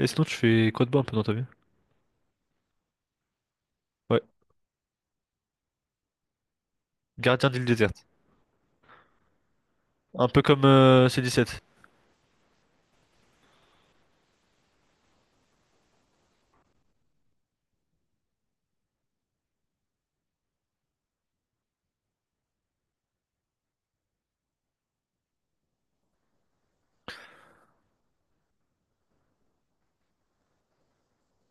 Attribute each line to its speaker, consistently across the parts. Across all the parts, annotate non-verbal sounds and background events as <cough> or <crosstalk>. Speaker 1: Et sinon, tu fais quoi de bon un peu dans ta vie? Ouais. Gardien d'île déserte. Un peu comme C17.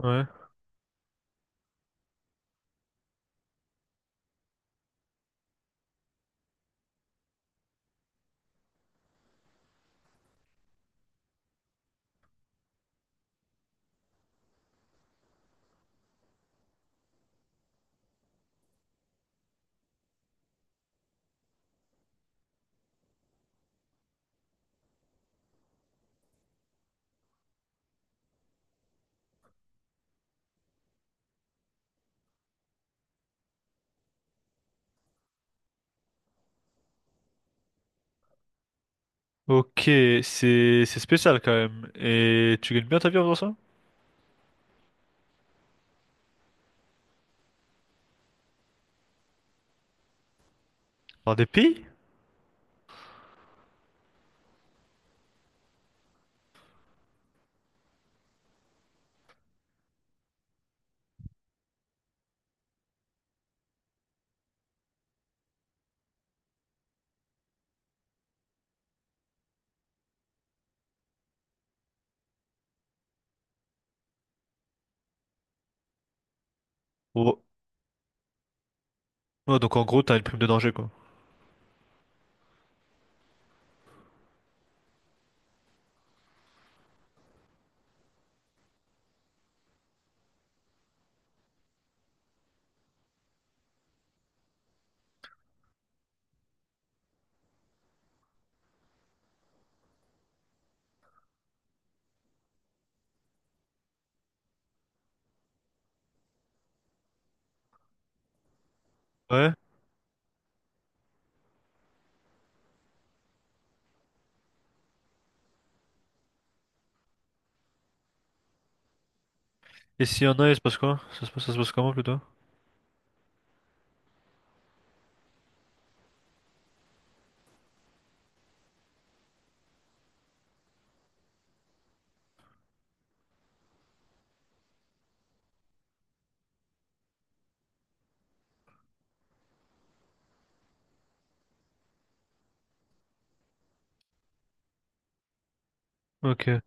Speaker 1: Ouais. Ok, c'est spécial quand même. Et tu gagnes bien ta vie en faisant ça? Par des pays? Oh. Ouais, donc en gros, t'as une prime de danger, quoi. Ouais. Et s'il y en a, il se passe quoi? Ça se passe comment plutôt? Ok.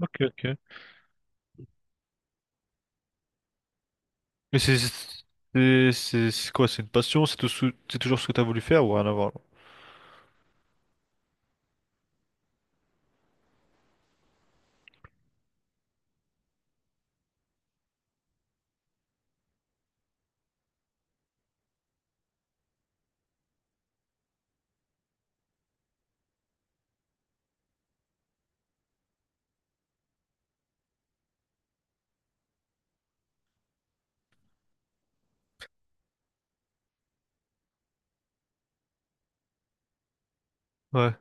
Speaker 1: Ok, ok. Mais c'est quoi? C'est une passion? C'est toujours ce que t'as voulu faire ou rien à voir? Là, ouais.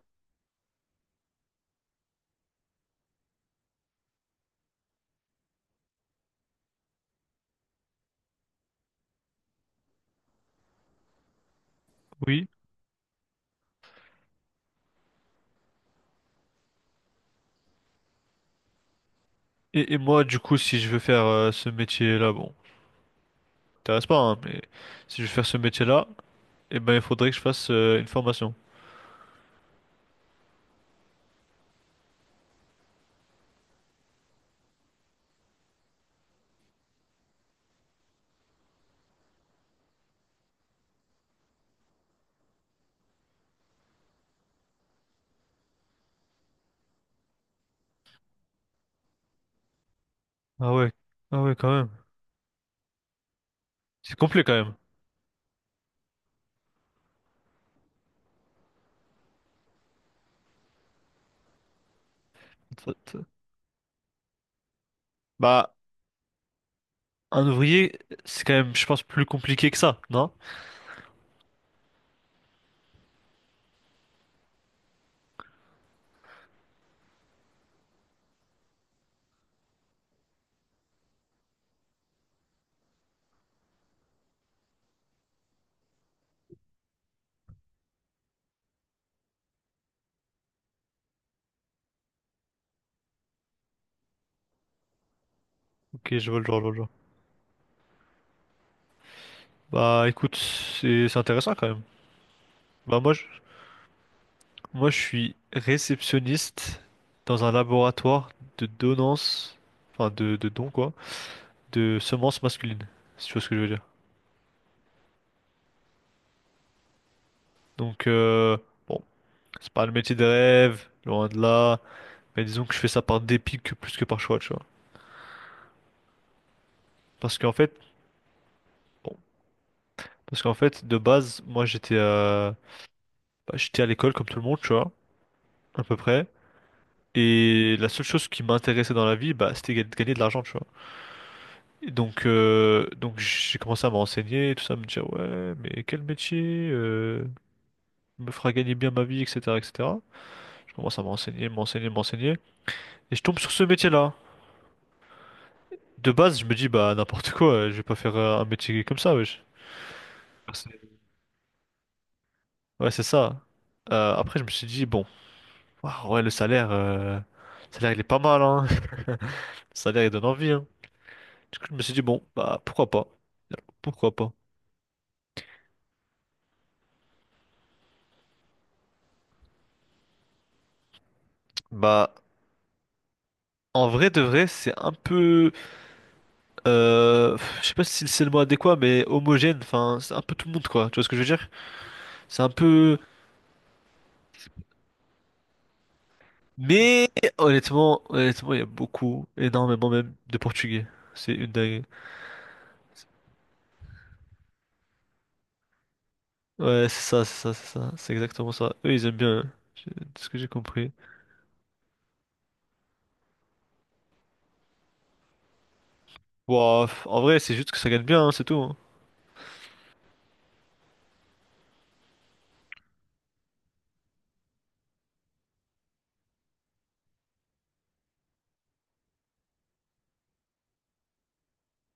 Speaker 1: Oui. Et moi, du coup, si je veux faire ce métier-là, bon, ça t'intéresse pas, hein, mais si je veux faire ce métier-là. Eh ben, il faudrait que je fasse une formation. Ah ouais, ah ouais, quand même. C'est complet quand même. Ça te- Bah, un ouvrier, c'est quand même, je pense, plus compliqué que ça, non? Ok, je vois le genre, je vois le genre. Bah, écoute, c'est intéressant quand même. Bah, moi, je suis réceptionniste dans un laboratoire de donnance, enfin, de dons, quoi, de semences masculines, si tu vois ce que je veux dire. Donc, bon, c'est pas le métier de rêve, loin de là, mais disons que je fais ça par dépit que plus que par choix, tu vois. Parce qu'en fait, bon. Parce qu'en fait, de base, moi j'étais bah, j'étais à l'école comme tout le monde, tu vois, à peu près. Et la seule chose qui m'intéressait dans la vie, bah, c'était de gagner de l'argent, tu vois. Et donc j'ai commencé à me renseigner, tout ça, à me dire, ouais, mais quel métier me fera gagner bien ma vie, etc., etc. Je commence à me renseigner, me renseigner, me renseigner. Et je tombe sur ce métier-là. De base, je me dis, bah, n'importe quoi, je vais pas faire un métier comme ça, wesh. Ouais, c'est ouais, c'est ça. Après, je me suis dit, bon. Waouh, ouais, le salaire, il est pas mal, hein. <laughs> Le salaire, il donne envie, hein. Du coup, je me suis dit, bon, bah, pourquoi pas? Pourquoi pas? Bah, en vrai de vrai, c'est un peu, je sais pas si c'est le mot adéquat, mais homogène, enfin, c'est un peu tout le monde, quoi. Tu vois ce que je veux dire? C'est un peu... Mais, honnêtement, honnêtement, il y a beaucoup, énormément même, de Portugais. C'est une dingue. Ouais, c'est ça, c'est ça, c'est ça, c'est exactement ça. Eux, ils aiment bien, hein. J'ai- de ce que j'ai compris. Bon, en vrai, c'est juste que ça gagne bien, hein, c'est tout. Hein.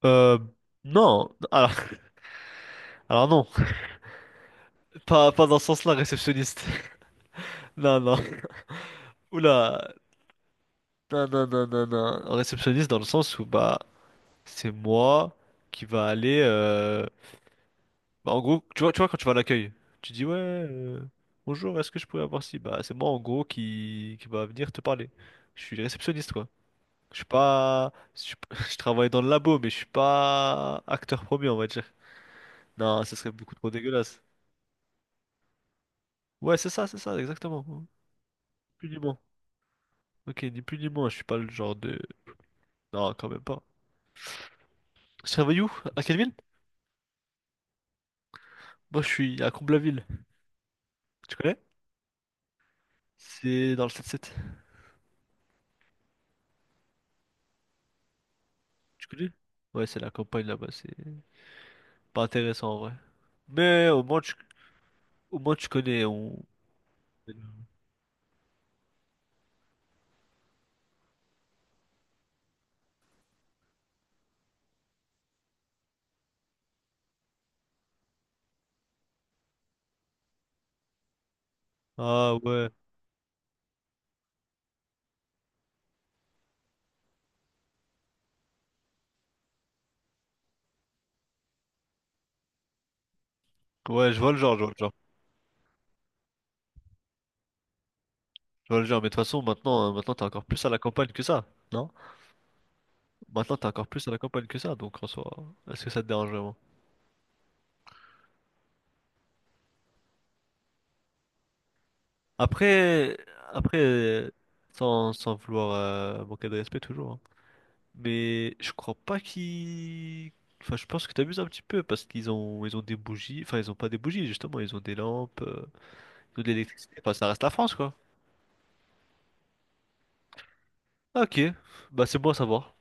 Speaker 1: Euh, non. Alors, <laughs> alors non. Pas dans ce sens-là, réceptionniste. <laughs> Non, non. Oula. Non, non, non, non, non. Réceptionniste dans le sens où, bah, c'est moi qui va aller... bah, en gros, tu vois, quand tu vas à l'accueil, tu dis, ouais, bonjour, est-ce que je pourrais avoir ci? Bah, c'est moi, en gros, qui va venir te parler. Je suis réceptionniste, quoi. Je suis pas... <laughs> je travaille dans le labo, mais je suis pas acteur premier, on va dire. Non, ce serait beaucoup trop dégueulasse. Ouais, c'est ça, exactement. Plus ok, ni plus ni moins, je suis pas le genre de... Non, quand même pas. Tu travailles où? À quelle ville? Moi, je suis à Comblaville. Tu connais? C'est dans le 7-7. Tu connais? Ouais, c'est la campagne là-bas, c'est pas intéressant en vrai. Mais au moins, tu connais. On- ah ouais. Ouais, je vois le genre, je vois le genre. Je vois le genre, mais de toute façon, maintenant, maintenant t'es encore plus à la campagne que ça, non? Maintenant, t'es encore plus à la campagne que ça, donc en soi, est-ce que ça te dérange vraiment? Après, après, sans vouloir manquer de respect toujours, hein. Mais je crois pas qu'ils... Enfin, je pense que t'amuses un petit peu parce qu'ils ont des bougies. Enfin, ils ont pas des bougies, justement. Ils ont des lampes, ils ont de l'électricité. Enfin, ça reste la France, quoi. Ok. Bah, c'est bon à savoir.